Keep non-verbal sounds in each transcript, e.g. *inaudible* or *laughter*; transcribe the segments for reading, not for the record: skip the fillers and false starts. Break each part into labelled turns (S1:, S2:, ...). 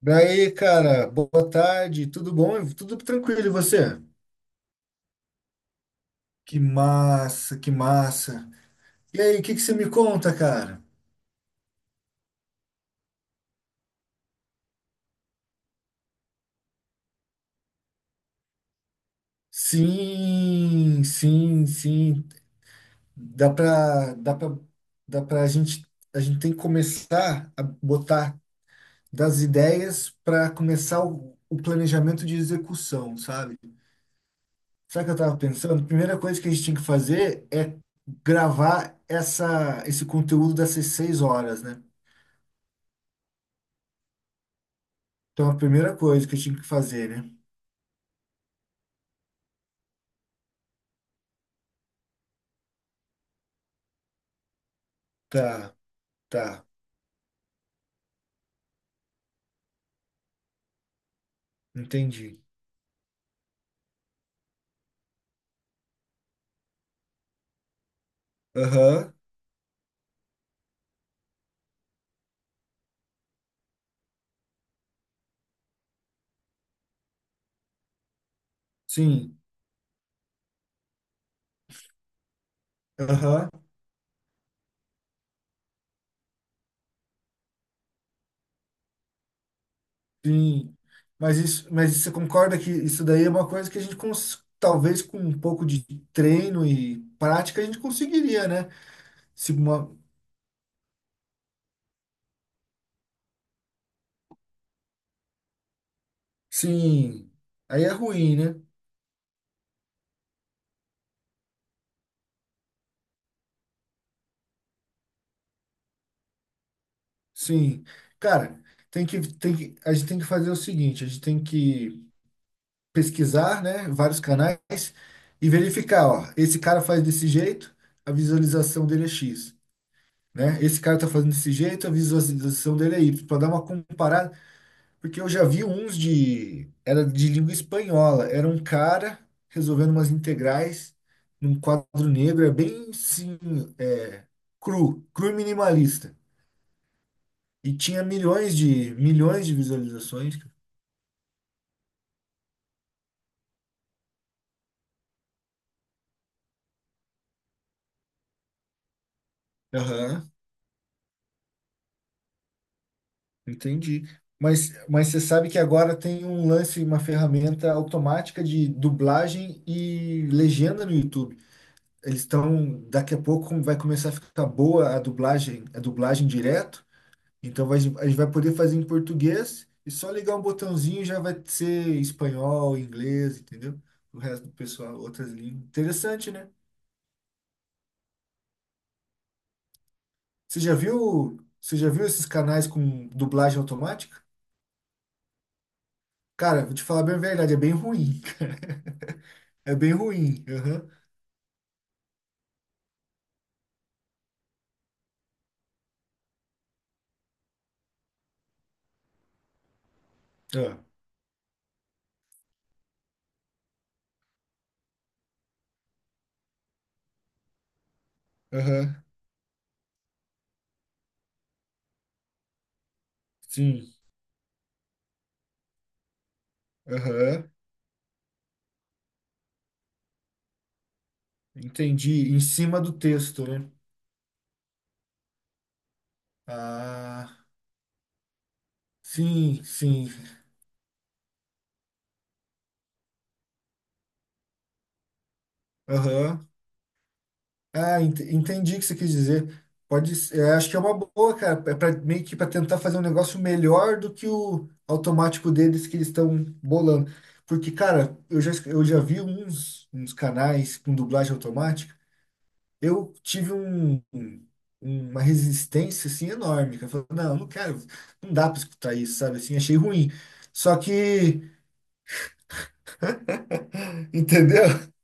S1: Daí, cara, boa tarde, tudo bom? Tudo tranquilo, e você? Que massa, que massa. E aí, o que que você me conta, cara? Sim, sim, sim. Dá pra, dá pra, dá pra gente, a gente tem que começar a botar das ideias para começar o planejamento de execução, sabe? Sabe o que eu tava pensando? A primeira coisa que a gente tinha que fazer é gravar esse conteúdo dessas 6 horas, né? Então, a primeira coisa que eu tinha que fazer, né? Tá, tá, entendi. Aham, sim, aham, sim. Mas isso, mas você concorda que isso daí é uma coisa que a gente, talvez com um pouco de treino e prática, a gente conseguiria, né? Se uma- Sim, aí é ruim, né? Sim. Cara, a gente tem que fazer o seguinte, a gente tem que pesquisar, né, vários canais e verificar, ó, esse cara faz desse jeito, a visualização dele é X, né? Esse cara tá fazendo desse jeito, a visualização dele é Y, para dar uma comparada, porque eu já vi uns de era de língua espanhola, era um cara resolvendo umas integrais num quadro negro, é bem sim, é, cru, cru e minimalista. E tinha milhões de visualizações. Aham. Entendi. Mas você sabe que agora tem um lance, uma ferramenta automática de dublagem e legenda no YouTube. Eles estão, daqui a pouco vai começar a ficar boa a dublagem direto. Então vai, a gente vai poder fazer em português e só ligar um botãozinho já vai ser espanhol, inglês, entendeu? O resto do pessoal, outras línguas. Interessante, né? Você já viu esses canais com dublagem automática? Cara, vou te falar bem a verdade, é bem ruim. *laughs* É bem ruim. Ah, aham, sim, aham, entendi. Em cima do texto, né? Ah, sim, sim, aham. Ah, entendi o que você quis dizer. Pode, é, acho que é uma boa, cara, é pra, meio que para tentar fazer um negócio melhor do que o automático deles que eles estão bolando. Porque, cara, eu já vi uns canais com dublagem automática. Eu tive uma resistência assim enorme. Que eu falei, não, não quero, não dá para escutar isso, sabe? Assim, achei ruim. Só que, entendeu? *laughs*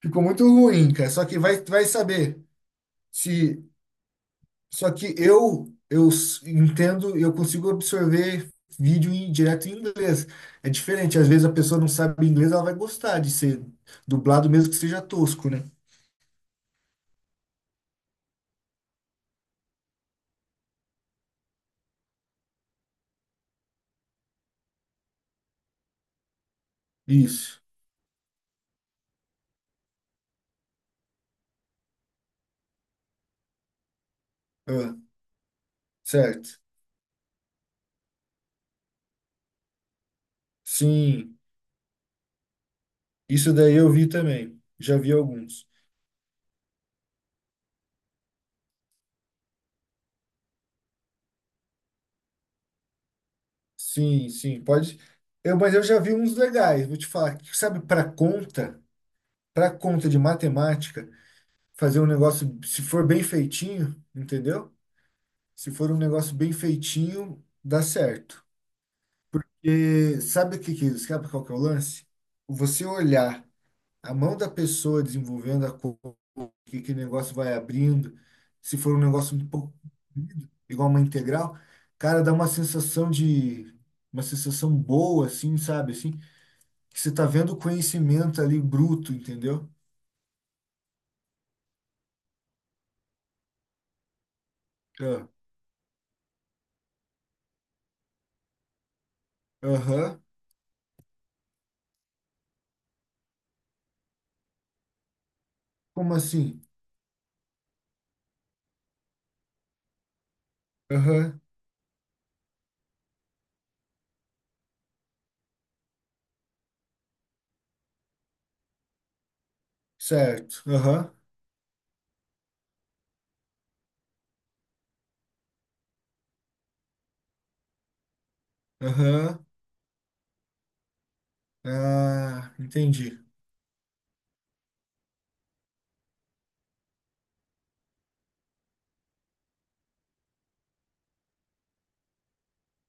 S1: Ficou muito ruim, cara. Só que vai saber se. Só que entendo, eu consigo absorver vídeo em, direto em inglês. É diferente. Às vezes a pessoa não sabe inglês, ela vai gostar de ser dublado mesmo que seja tosco, né? Isso. Ah, certo. Sim. Isso daí eu vi também. Já vi alguns. Sim, sim, pode. Eu, mas eu já vi uns legais, vou te falar. Que, sabe, para conta de matemática, fazer um negócio, se for bem feitinho, entendeu? Se for um negócio bem feitinho, dá certo. E sabe o que que, sabe qual que é o lance? Você olhar a mão da pessoa desenvolvendo a que negócio vai abrindo. Se for um negócio um pouco comprido, igual uma integral, cara, dá uma sensação boa, assim, sabe? Assim, que você tá vendo o conhecimento ali bruto, entendeu? Ah, aham. Como assim? Aham. Certo. Aham. Aham. Ah, entendi.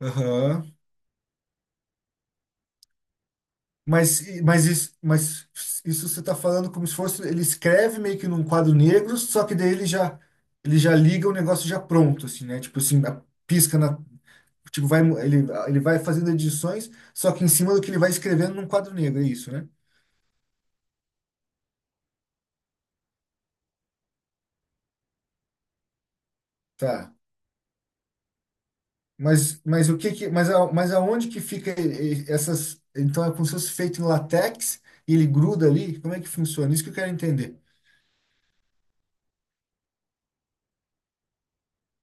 S1: Aham. Mas isso você está falando como se fosse. Ele escreve meio que num quadro negro, só que daí ele já liga o negócio já pronto, assim, né? Tipo assim, a- pisca na. Tipo, vai, ele vai fazendo edições, só que em cima do que ele vai escrevendo num quadro negro, é isso, né? Tá. Mas o que que. Mas, a, Mas aonde que fica essas. Então é como se fosse feito em latex e ele gruda ali? Como é que funciona? Isso que eu quero entender.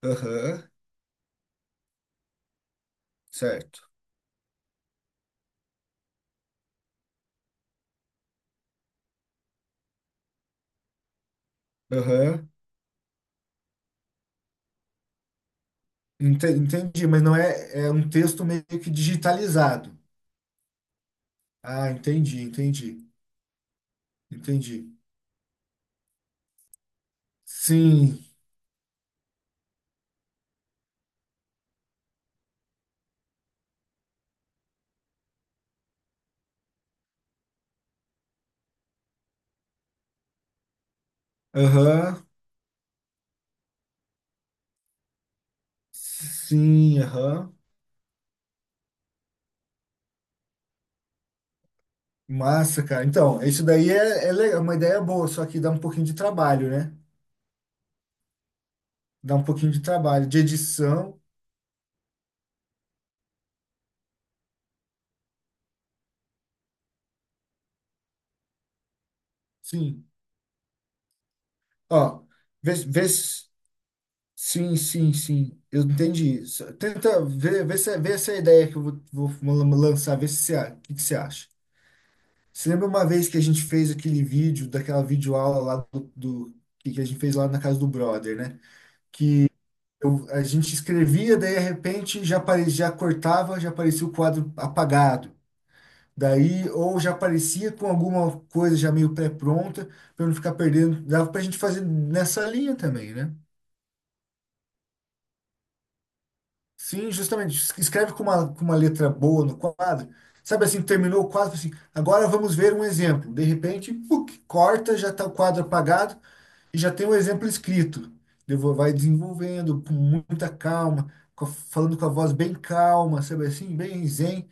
S1: Aham, certo. Aham. Entendi, mas não é, é um texto meio que digitalizado. Ah, entendi, entendi, entendi. Sim, aham, sim, aham. Massa, cara. Então, isso daí é, é legal, uma ideia boa, só que dá um pouquinho de trabalho, né? Dá um pouquinho de trabalho, de edição, sim. Ó, vê, vê, se- sim, sim, sim, eu entendi. Só, tenta ver, ver essa ideia que eu vou lançar, ver se você, a- o que que você acha. Você lembra uma vez que a gente fez aquele vídeo, daquela videoaula lá que a gente fez lá na casa do brother, né? Eu, a gente escrevia, daí de repente já, já cortava, já aparecia o quadro apagado. Daí, ou já aparecia com alguma coisa já meio pré-pronta, para não ficar perdendo. Dava pra gente fazer nessa linha também, né? Sim, justamente. Escreve com uma letra boa no quadro. Sabe assim, terminou o quadro, assim, agora vamos ver um exemplo. De repente, puc, corta, já está o quadro apagado, e já tem o exemplo escrito. Devo, vai desenvolvendo com muita calma, falando com a voz bem calma, sabe assim, bem zen,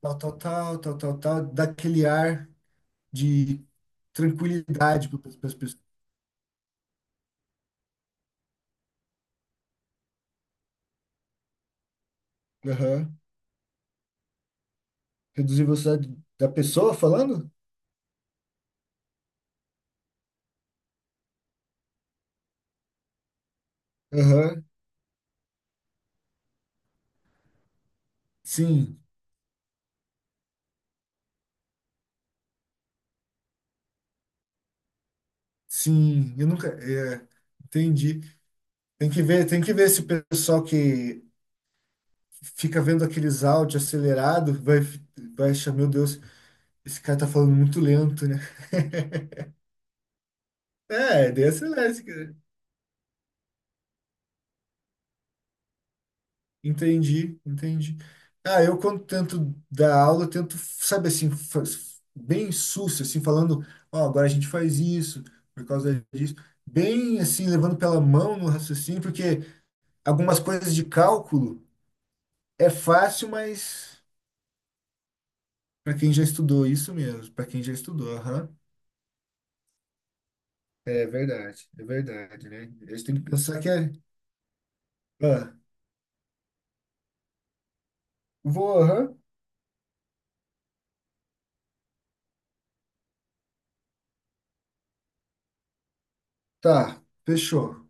S1: tal, tal, tal, tal, tal, tal, dá aquele ar de tranquilidade para as pessoas. Aham. Reduzir a velocidade da pessoa falando? Aham. Sim, sim. Eu nunca. É, entendi. Tem que ver se o pessoal que fica vendo aqueles áudios acelerados vai, vai achar, meu Deus, esse cara tá falando muito lento, né? É, dessa elétrica. Entendi, entendi. Ah, eu quando tento dar aula, eu tento, sabe assim, bem sucio, assim, falando, ó, agora a gente faz isso, por causa disso. Bem assim, levando pela mão no raciocínio, porque algumas coisas de cálculo é fácil, mas para quem já estudou, isso mesmo, para quem já estudou, aham. É verdade, né? A gente tem que pensar que é. Ah, vou, aham. Tá, fechou.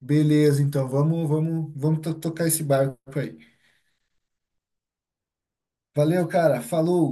S1: Beleza, então vamos, vamos, tocar esse barco aí. Valeu, cara. Falou.